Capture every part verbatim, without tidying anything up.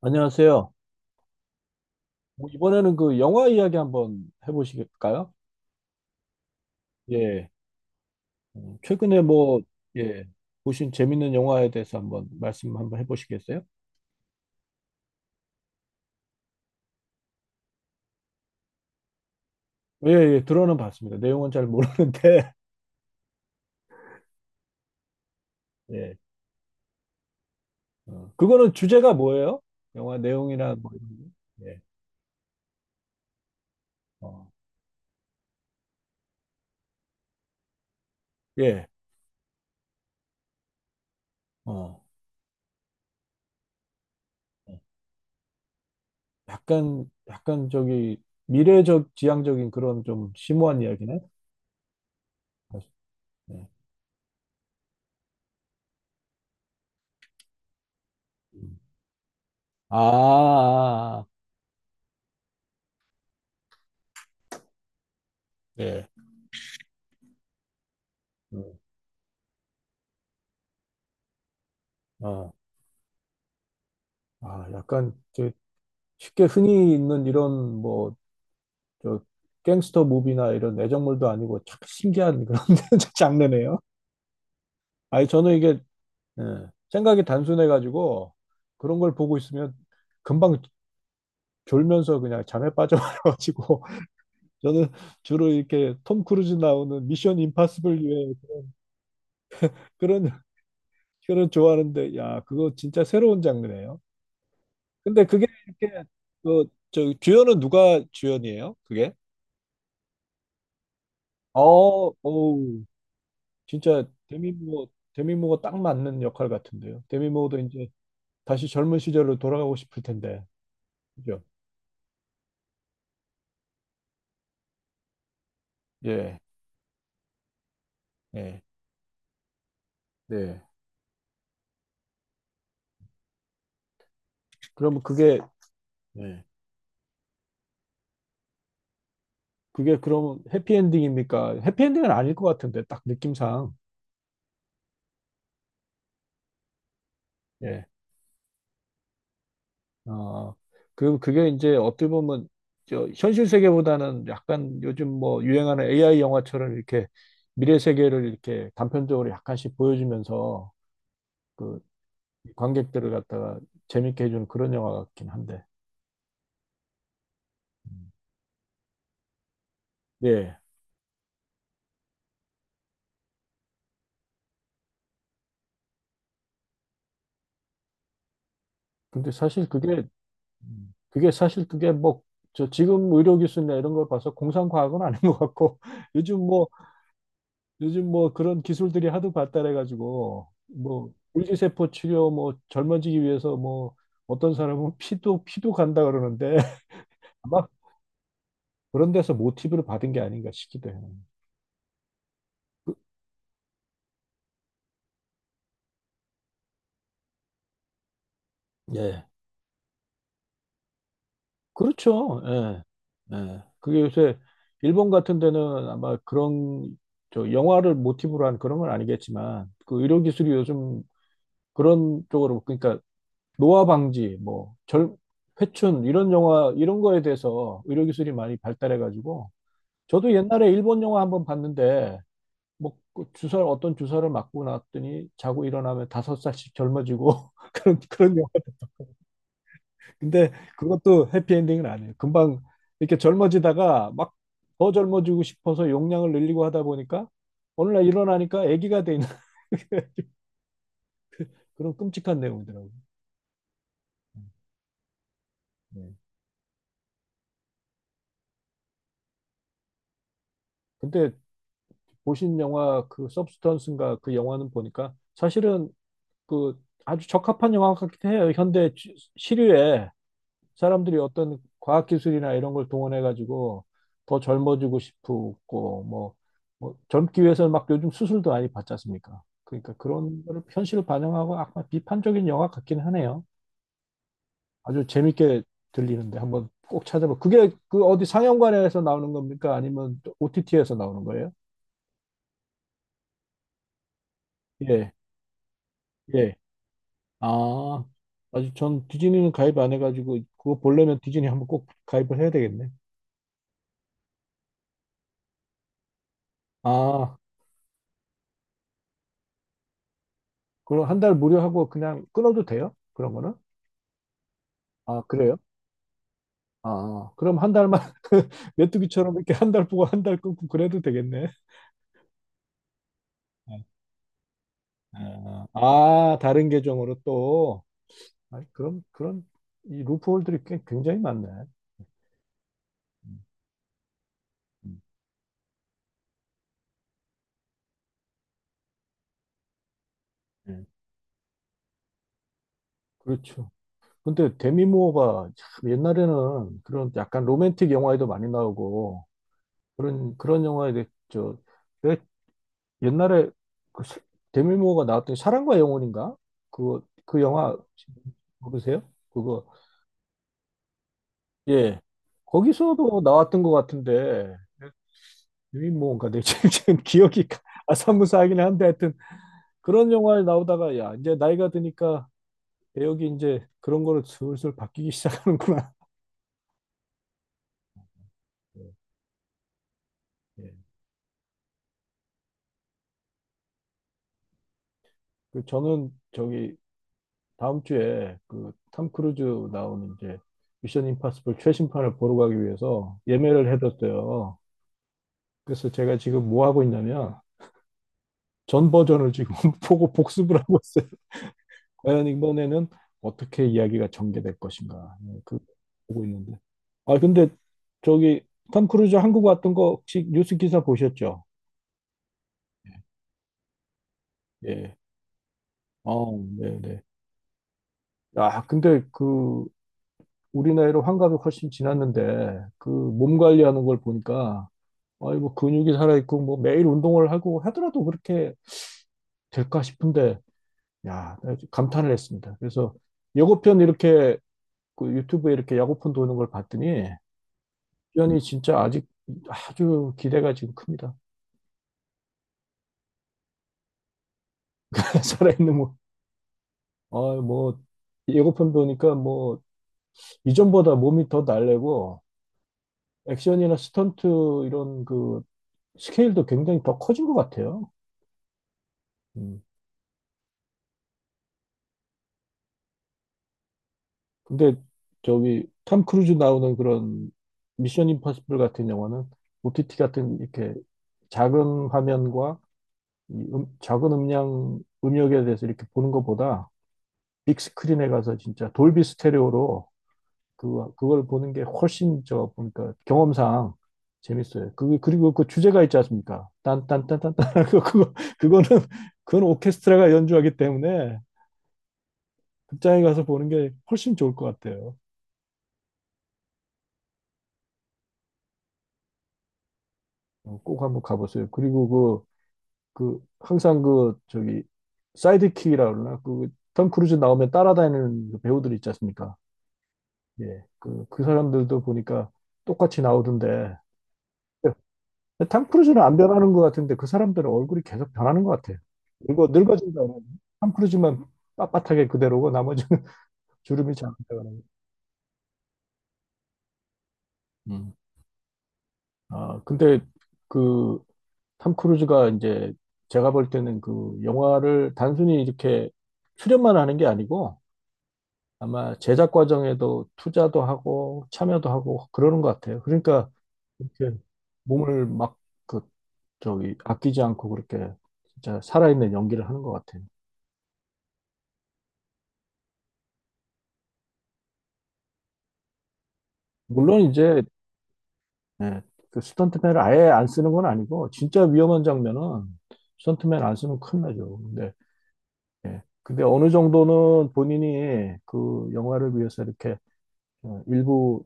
안녕하세요. 뭐 이번에는 그 영화 이야기 한번 해보실까요? 예. 음, 최근에 뭐, 예, 보신 재밌는 영화에 대해서 한번 말씀 한번 해보시겠어요? 예, 예, 들어는 봤습니다. 내용은 잘 모르는데, 예. 어, 그거는 주제가 뭐예요? 영화 내용이나 뭐, 이런 거? 예. 어, 예. 어, 어. 약간, 약간 저기, 미래적, 지향적인 그런 좀 심오한 이야기네? 예. 음. 아, 아, 아. 예. 음. 어. 아, 약간 저 쉽게 흔히 있는 이런 뭐 저 갱스터 무비나 이런 애정물도 아니고 참 신기한 그런 장르네요. 아니 저는 이게 예, 생각이 단순해가지고 그런 걸 보고 있으면 금방 졸면서 그냥 잠에 빠져가지고 저는 주로 이렇게 톰 크루즈 나오는 미션 임파서블 유에 그런 그런 좋아하는데 야 그거 진짜 새로운 장르네요. 근데 그게 이렇게 그 저 주연은 누가 주연이에요? 그게? 어, 오. 진짜 데미모어 데미모어 딱 맞는 역할 같은데요. 데미모어도 이제 다시 젊은 시절로 돌아가고 싶을 텐데, 그죠? 예, 예, 네. 그러면 그게 예. 그게 그럼 해피엔딩입니까? 해피엔딩은 아닐 것 같은데 딱 느낌상 예, 어, 그 그게 이제 어떻게 보면 저 현실 세계보다는 약간 요즘 뭐 유행하는 에이아이 영화처럼 이렇게 미래 세계를 이렇게 단편적으로 약간씩 보여주면서 그 관객들을 갖다가 재밌게 해주는 그런 영화 같긴 한데. 예. 근데 사실 그게, 음. 그게 사실 그게 뭐, 저 지금 의료기술이나 이런 걸 봐서 공상과학은 아닌 것 같고, 요즘 뭐, 요즘 뭐 그런 기술들이 하도 발달해가지고, 뭐, 물리세포 치료, 뭐, 젊어지기 위해서 뭐, 어떤 사람은 피도, 피도 간다 그러는데, 아마 그런 데서 모티브를 받은 게 아닌가 싶기도 해요. 그- 예. 그렇죠. 예. 예. 그게 요새 일본 같은 데는 아마 그런 저 영화를 모티브로 한 그런 건 아니겠지만 그 의료 기술이 요즘 그런 쪽으로 그러니까 노화 방지 뭐 절, 회춘 이런 영화 이런 거에 대해서 의료 기술이 많이 발달해 가지고 저도 옛날에 일본 영화 한번 봤는데 뭐그 주사 어떤 주사를 맞고 났더니 자고 일어나면 다섯 살씩 젊어지고 그런 그런 근데 그것도 해피엔딩은 아니에요. 금방 이렇게 젊어지다가 막 더 젊어지고 싶어서 용량을 늘리고 하다 보니까 어느 날 일어나니까 아기가 돼 있는 그런 끔찍한 내용이더라고요. 네. 근데 보신 영화 그 서브스턴스인가 그 영화는 보니까 사실은 그 아주 적합한 영화 같기도 해요. 현대 시- 시류에 사람들이 어떤 과학기술이나 이런 걸 동원해가지고 더 젊어지고 싶고, 뭐, 뭐 젊기 위해서는 막 요즘 수술도 많이 받지 않습니까? 그러니까 그런 거를 현실을 반영하고 약간 비판적인 영화 같긴 하네요. 아주 재밌게 들리는데 한번 꼭 찾아봐. 그게 그 어디 상영관에서 나오는 겁니까? 아니면 오티티에서 나오는 거예요? 예, 예. 아, 아주 전 디즈니는 가입 안 해가지고 그거 보려면 디즈니 한번 꼭 가입을 해야 되겠네. 아, 그럼 한 달 무료 하고 그냥 끊어도 돼요? 그런 거는? 아, 그래요? 아, 아. 그럼 한 달만 메뚜기처럼 이렇게 한 달 보고 한 달 끊고 그래도 되겠네. 아, 아, 다른 계정으로 또. 아니, 그럼, 그런, 이 루프홀들이 꽤- 굉장히 많네. 음, 음, 음. 그렇죠. 근데 데미 모어가 참 옛날에는 그런 약간 로맨틱 영화에도 많이 나오고 그런, 그런 영화에 대- 저, 옛날에 그 사- 데밀모어가 나왔던 사랑과 영혼인가? 그거 그 영화 모르세요? 그거 예 거기서도 나왔던 것 같은데 데밀모어인가 내 지금 지금 기억이 아사무사하긴 한데 하여튼 그런 영화에 나오다가 야 이제 나이가 드니까 배역이 이제 그런 거를 슬슬 바뀌기 시작하는구나. 예. 예. 그 저는 저기 다음 주에 그 톰 크루즈 나오는 이제 미션 임파서블 최신판을 보러 가기 위해서 예매를 해뒀어요. 그래서 제가 지금 뭐 하고 있냐면 전 버전을 지금 보고 복습을 하고 있어요. 과연 이번에는 어떻게 이야기가 전개될 것인가. 네, 그 보고 있는데. 아 근데 저기 톰 크루즈 한국 왔던 거 혹시 뉴스 기사 보셨죠? 예. 어, 네, 네. 아, 근데 그 우리 나이로 환갑이 훨씬 지났는데 그 몸 관리하는 걸 보니까 아이고 근육이 살아 있고 뭐 매일 운동을 하고 하더라도 그렇게 될까 싶은데 야, 감탄을 했습니다. 그래서 예고편 이렇게 그 유튜브에 이렇게 야구편 도는 걸 봤더니 연이 진짜 아직 아주 기대가 지금 큽니다. 살아있는 뭐, 아, 뭐 예고편 보니까 뭐 이전보다 몸이 더 날래고 액션이나 스턴트 이런 그 스케일도 굉장히 더 커진 것 같아요. 음. 근데 저기 탐 크루즈 나오는 그런 미션 임파서블 같은 영화는 오티티 같은 이렇게 작은 화면과 이 음, 작은 음량 음역에 대해서 이렇게 보는 것보다 빅 스크린에 가서 진짜 돌비 스테레오로 그 그걸 보는 게 훨씬 저 보니까 경험상 재밌어요. 그 그리고 그 주제가 있지 않습니까? 딴딴딴딴딴 그거 그거는 그건 오케스트라가 연주하기 때문에 극장에 가서 보는 게 훨씬 좋을 것 같아요. 어, 꼭 한번 가보세요. 그리고 그 그 항상 그 저기 사이드킥이라 그러나 그 톰 크루즈 나오면 따라다니는 그 배우들 있지 않습니까? 예, 그, 그 사람들도 보니까 똑같이 나오던데, 탐 크루즈는 안 변하는 것 같은데, 그 사람들은 얼굴이 계속 변하는 것 같아요. 늙어, 늙어진다. 그탐 크루즈만 빳빳하게 그대로고, 나머지는 주름이 잘안 들어가는. 거. 음. 아, 근데 그, 탐 크루즈가 이제, 제가 볼 때는 그 영화를 단순히 이렇게 출연만 하는 게 아니고, 아마 제작 과정에도 투자도 하고 참여도 하고 그러는 것 같아요. 그러니까 이렇게 몸을 막 그 저기 아끼지 않고 그렇게 진짜 살아있는 연기를 하는 것 같아요. 물론 이제 예, 그 스턴트맨을 아예 안 쓰는 건 아니고 진짜 위험한 장면은 스턴트맨 안 쓰면 큰일 나죠. 근데 예, 근데 어느 정도는 본인이 그 영화를 위해서 이렇게 어, 일부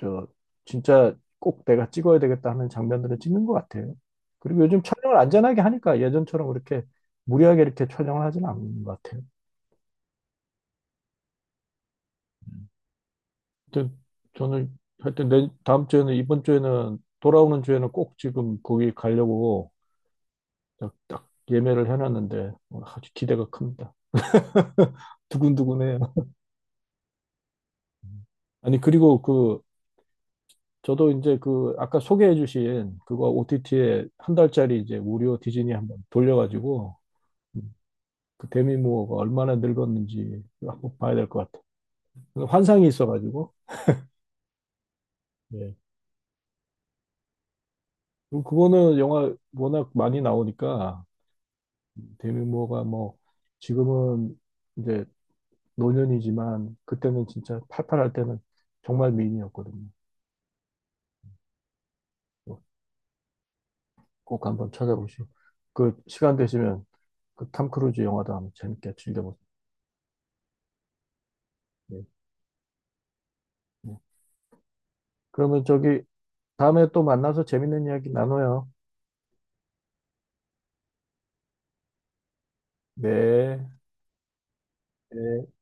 저 진짜 꼭 내가 찍어야 되겠다 하는 장면들은 찍는 것 같아요. 그리고 요즘 촬영을 안전하게 하니까 예전처럼 그렇게 무리하게 이렇게 촬영을 하지는 않는 것 같아요. 음. 하여튼 저는 하여튼 내 다음 주에는 이번 주에는 돌아오는 주에는 꼭 지금 거기 가려고 딱, 딱 예매를 해놨는데 어, 아주 기대가 큽니다. 두근두근해요. 아니 그리고 그 저도 이제 그 아까 소개해주신 그거 오티티에 한 달짜리 이제 무료 디즈니 한번 돌려가지고 그 데미 무어가 얼마나 늙었는지 한번 봐야 될 것 같아. 요 환상이 있어가지고. 예. 그리고 그거는 영화 워낙 많이 나오니까 데미 무어가 뭐 지금은 이제 노년이지만 그때는 진짜 팔팔할 때는 정말 미인이었거든요. 어, 꼭 한번 찾아보시고 그 시간 되시면 그 탐 크루즈 영화도 한번 재밌게 즐겨보세요. 네. 네. 그러면 저기 다음에 또 만나서 재밌는 이야기 나눠요. 네. 네.